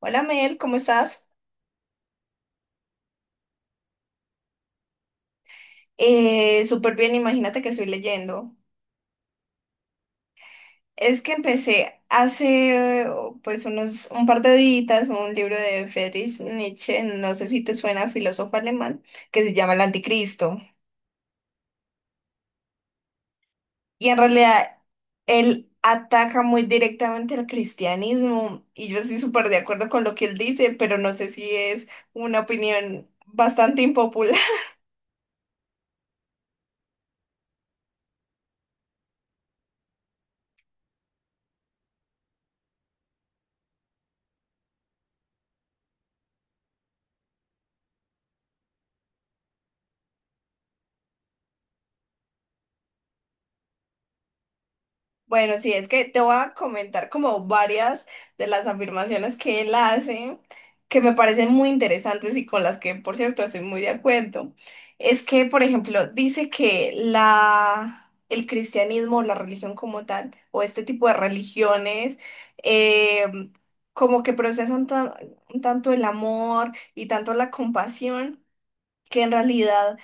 Hola Mel, ¿cómo estás? Súper bien, imagínate que estoy leyendo. Es que empecé hace oh, pues unos un par de días un libro de Friedrich Nietzsche, no sé si te suena, filósofo alemán, que se llama El Anticristo. Y en realidad él ataca muy directamente al cristianismo y yo estoy súper de acuerdo con lo que él dice, pero no sé si es una opinión bastante impopular. Bueno, sí, es que te voy a comentar como varias de las afirmaciones que él hace, que me parecen muy interesantes y con las que, por cierto, estoy muy de acuerdo. Es que, por ejemplo, dice que el cristianismo, la religión como tal, o este tipo de religiones, eh, como que procesan tanto el amor y tanto la compasión, que en realidad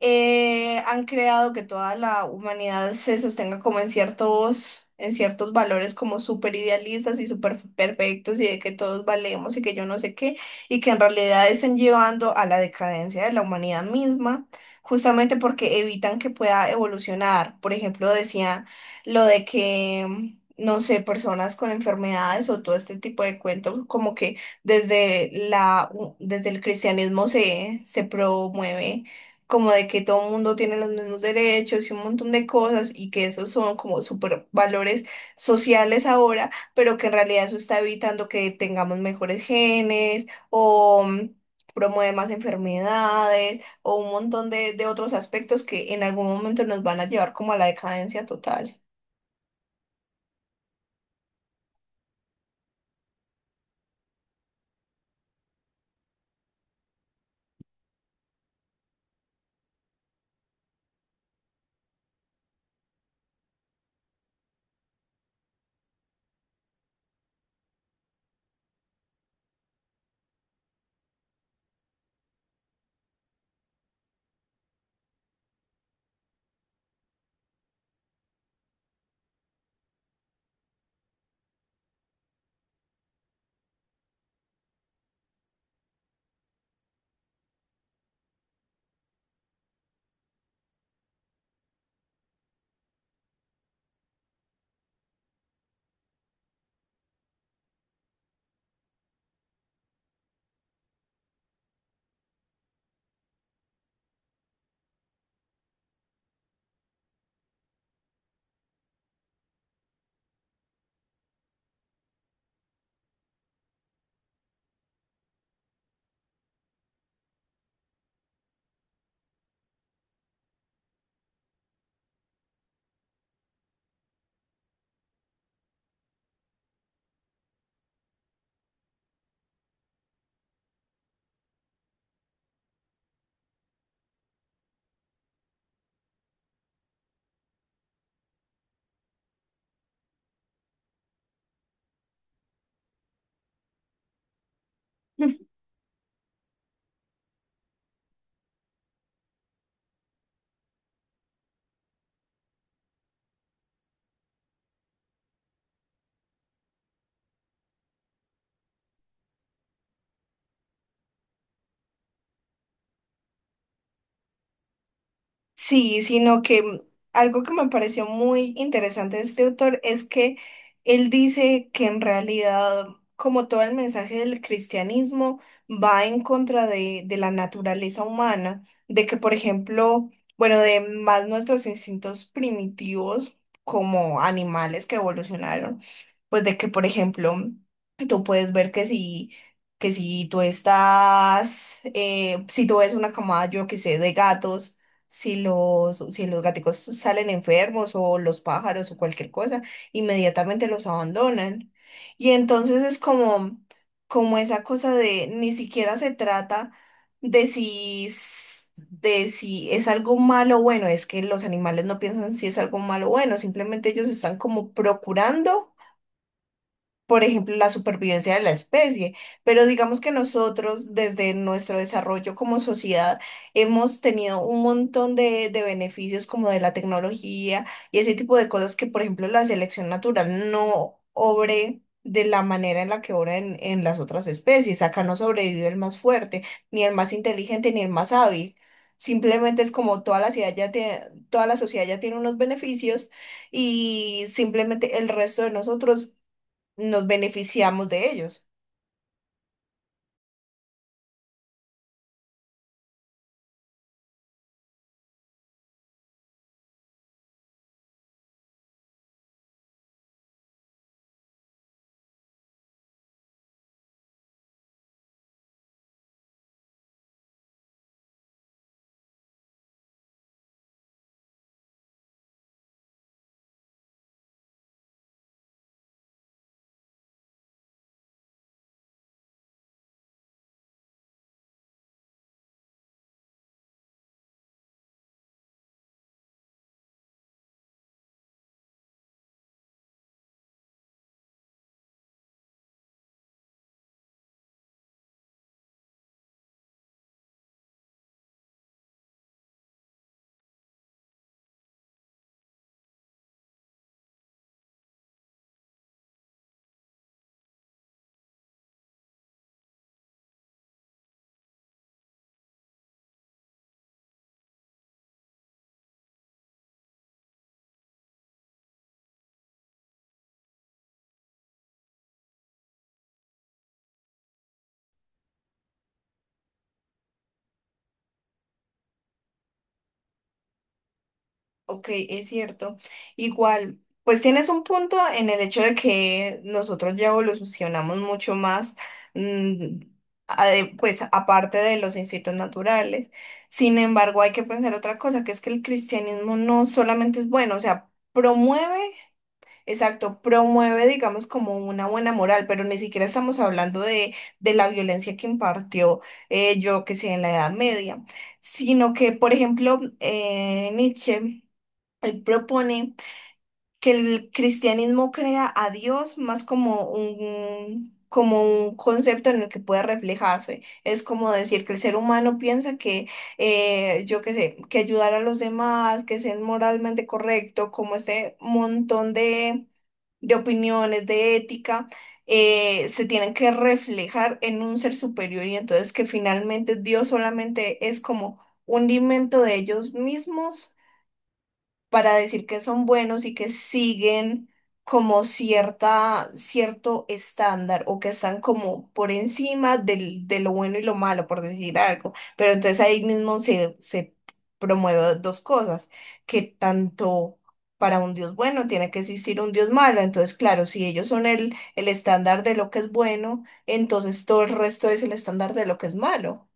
han creado que toda la humanidad se sostenga como en en ciertos valores como súper idealistas y súper perfectos y de que todos valemos y que yo no sé qué, y que en realidad estén llevando a la decadencia de la humanidad misma, justamente porque evitan que pueda evolucionar. Por ejemplo, decía lo de que... No sé, personas con enfermedades o todo este tipo de cuentos, como que desde la, desde el cristianismo se promueve como de que todo el mundo tiene los mismos derechos y un montón de cosas y que esos son como super valores sociales ahora, pero que en realidad eso está evitando que tengamos mejores genes o promueve más enfermedades o un montón de otros aspectos que en algún momento nos van a llevar como a la decadencia total. Sí, sino que algo que me pareció muy interesante de este autor es que él dice que en realidad, como todo el mensaje del cristianismo, va en contra de la naturaleza humana, de que, por ejemplo, bueno, de más nuestros instintos primitivos como animales que evolucionaron, pues de que, por ejemplo, tú puedes ver que si... Que si tú estás, si tú ves una camada, yo que sé, de gatos, si si los gaticos salen enfermos o los pájaros o cualquier cosa, inmediatamente los abandonan. Y entonces es como, como esa cosa de ni siquiera se trata de de si es algo malo o bueno, es que los animales no piensan si es algo malo o bueno, simplemente ellos están como procurando por ejemplo, la supervivencia de la especie. Pero digamos que nosotros, desde nuestro desarrollo como sociedad, hemos tenido un montón de beneficios como de la tecnología y ese tipo de cosas que, por ejemplo, la selección natural no obre de la manera en la que obra en las otras especies. Acá no sobrevive el más fuerte, ni el más inteligente, ni el más hábil. Simplemente es como toda la sociedad ya tiene unos beneficios y simplemente el resto de nosotros nos beneficiamos de ellos. Ok, es cierto. Igual, pues tienes un punto en el hecho de que nosotros ya evolucionamos mucho más, mm, pues aparte de los instintos naturales. Sin embargo, hay que pensar otra cosa, que es que el cristianismo no solamente es bueno, o sea, promueve. Exacto, promueve, digamos, como una buena moral, pero ni siquiera estamos hablando de la violencia que impartió, yo que sé, en la Edad Media, sino que, por ejemplo, Nietzsche, él propone que el cristianismo crea a Dios más como como un concepto en el que puede reflejarse. Es como decir que el ser humano piensa que, yo qué sé, que ayudar a los demás, que ser moralmente correcto, como este montón de opiniones, de ética. Se tienen que reflejar en un ser superior y entonces que finalmente Dios solamente es como un invento de ellos mismos para decir que son buenos y que siguen como cierto estándar o que están como por encima de lo bueno y lo malo, por decir algo. Pero entonces ahí mismo se promueven dos cosas, que tanto para un Dios bueno tiene que existir un Dios malo. Entonces, claro, si ellos son el estándar de lo que es bueno, entonces todo el resto es el estándar de lo que es malo.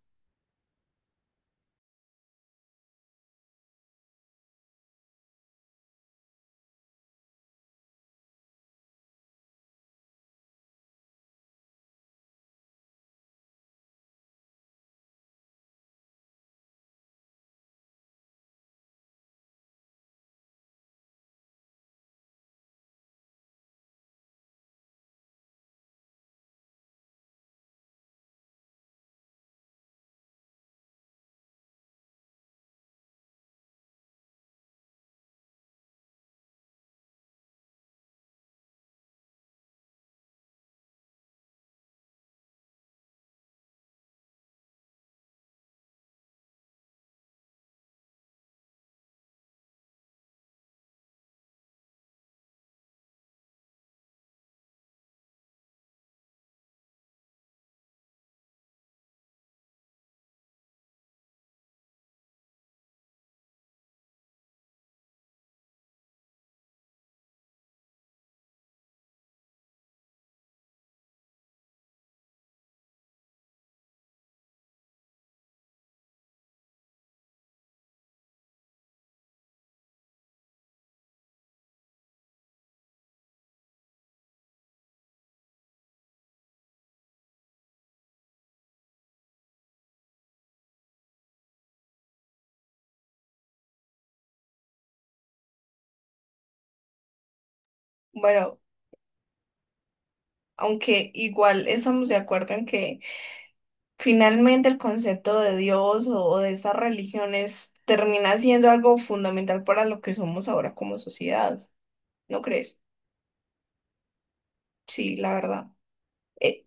Bueno, aunque igual estamos de acuerdo en que finalmente, el concepto de Dios o de estas religiones termina siendo algo fundamental para lo que somos ahora como sociedad, ¿no crees? Sí, la verdad. Eh,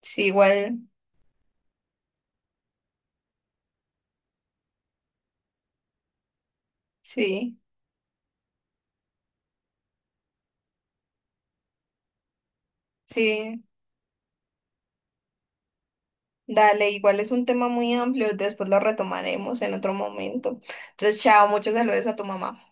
sí, igual, sí, sí, dale, igual es un tema muy amplio, después lo retomaremos en otro momento. Entonces, chao, muchos saludos a tu mamá.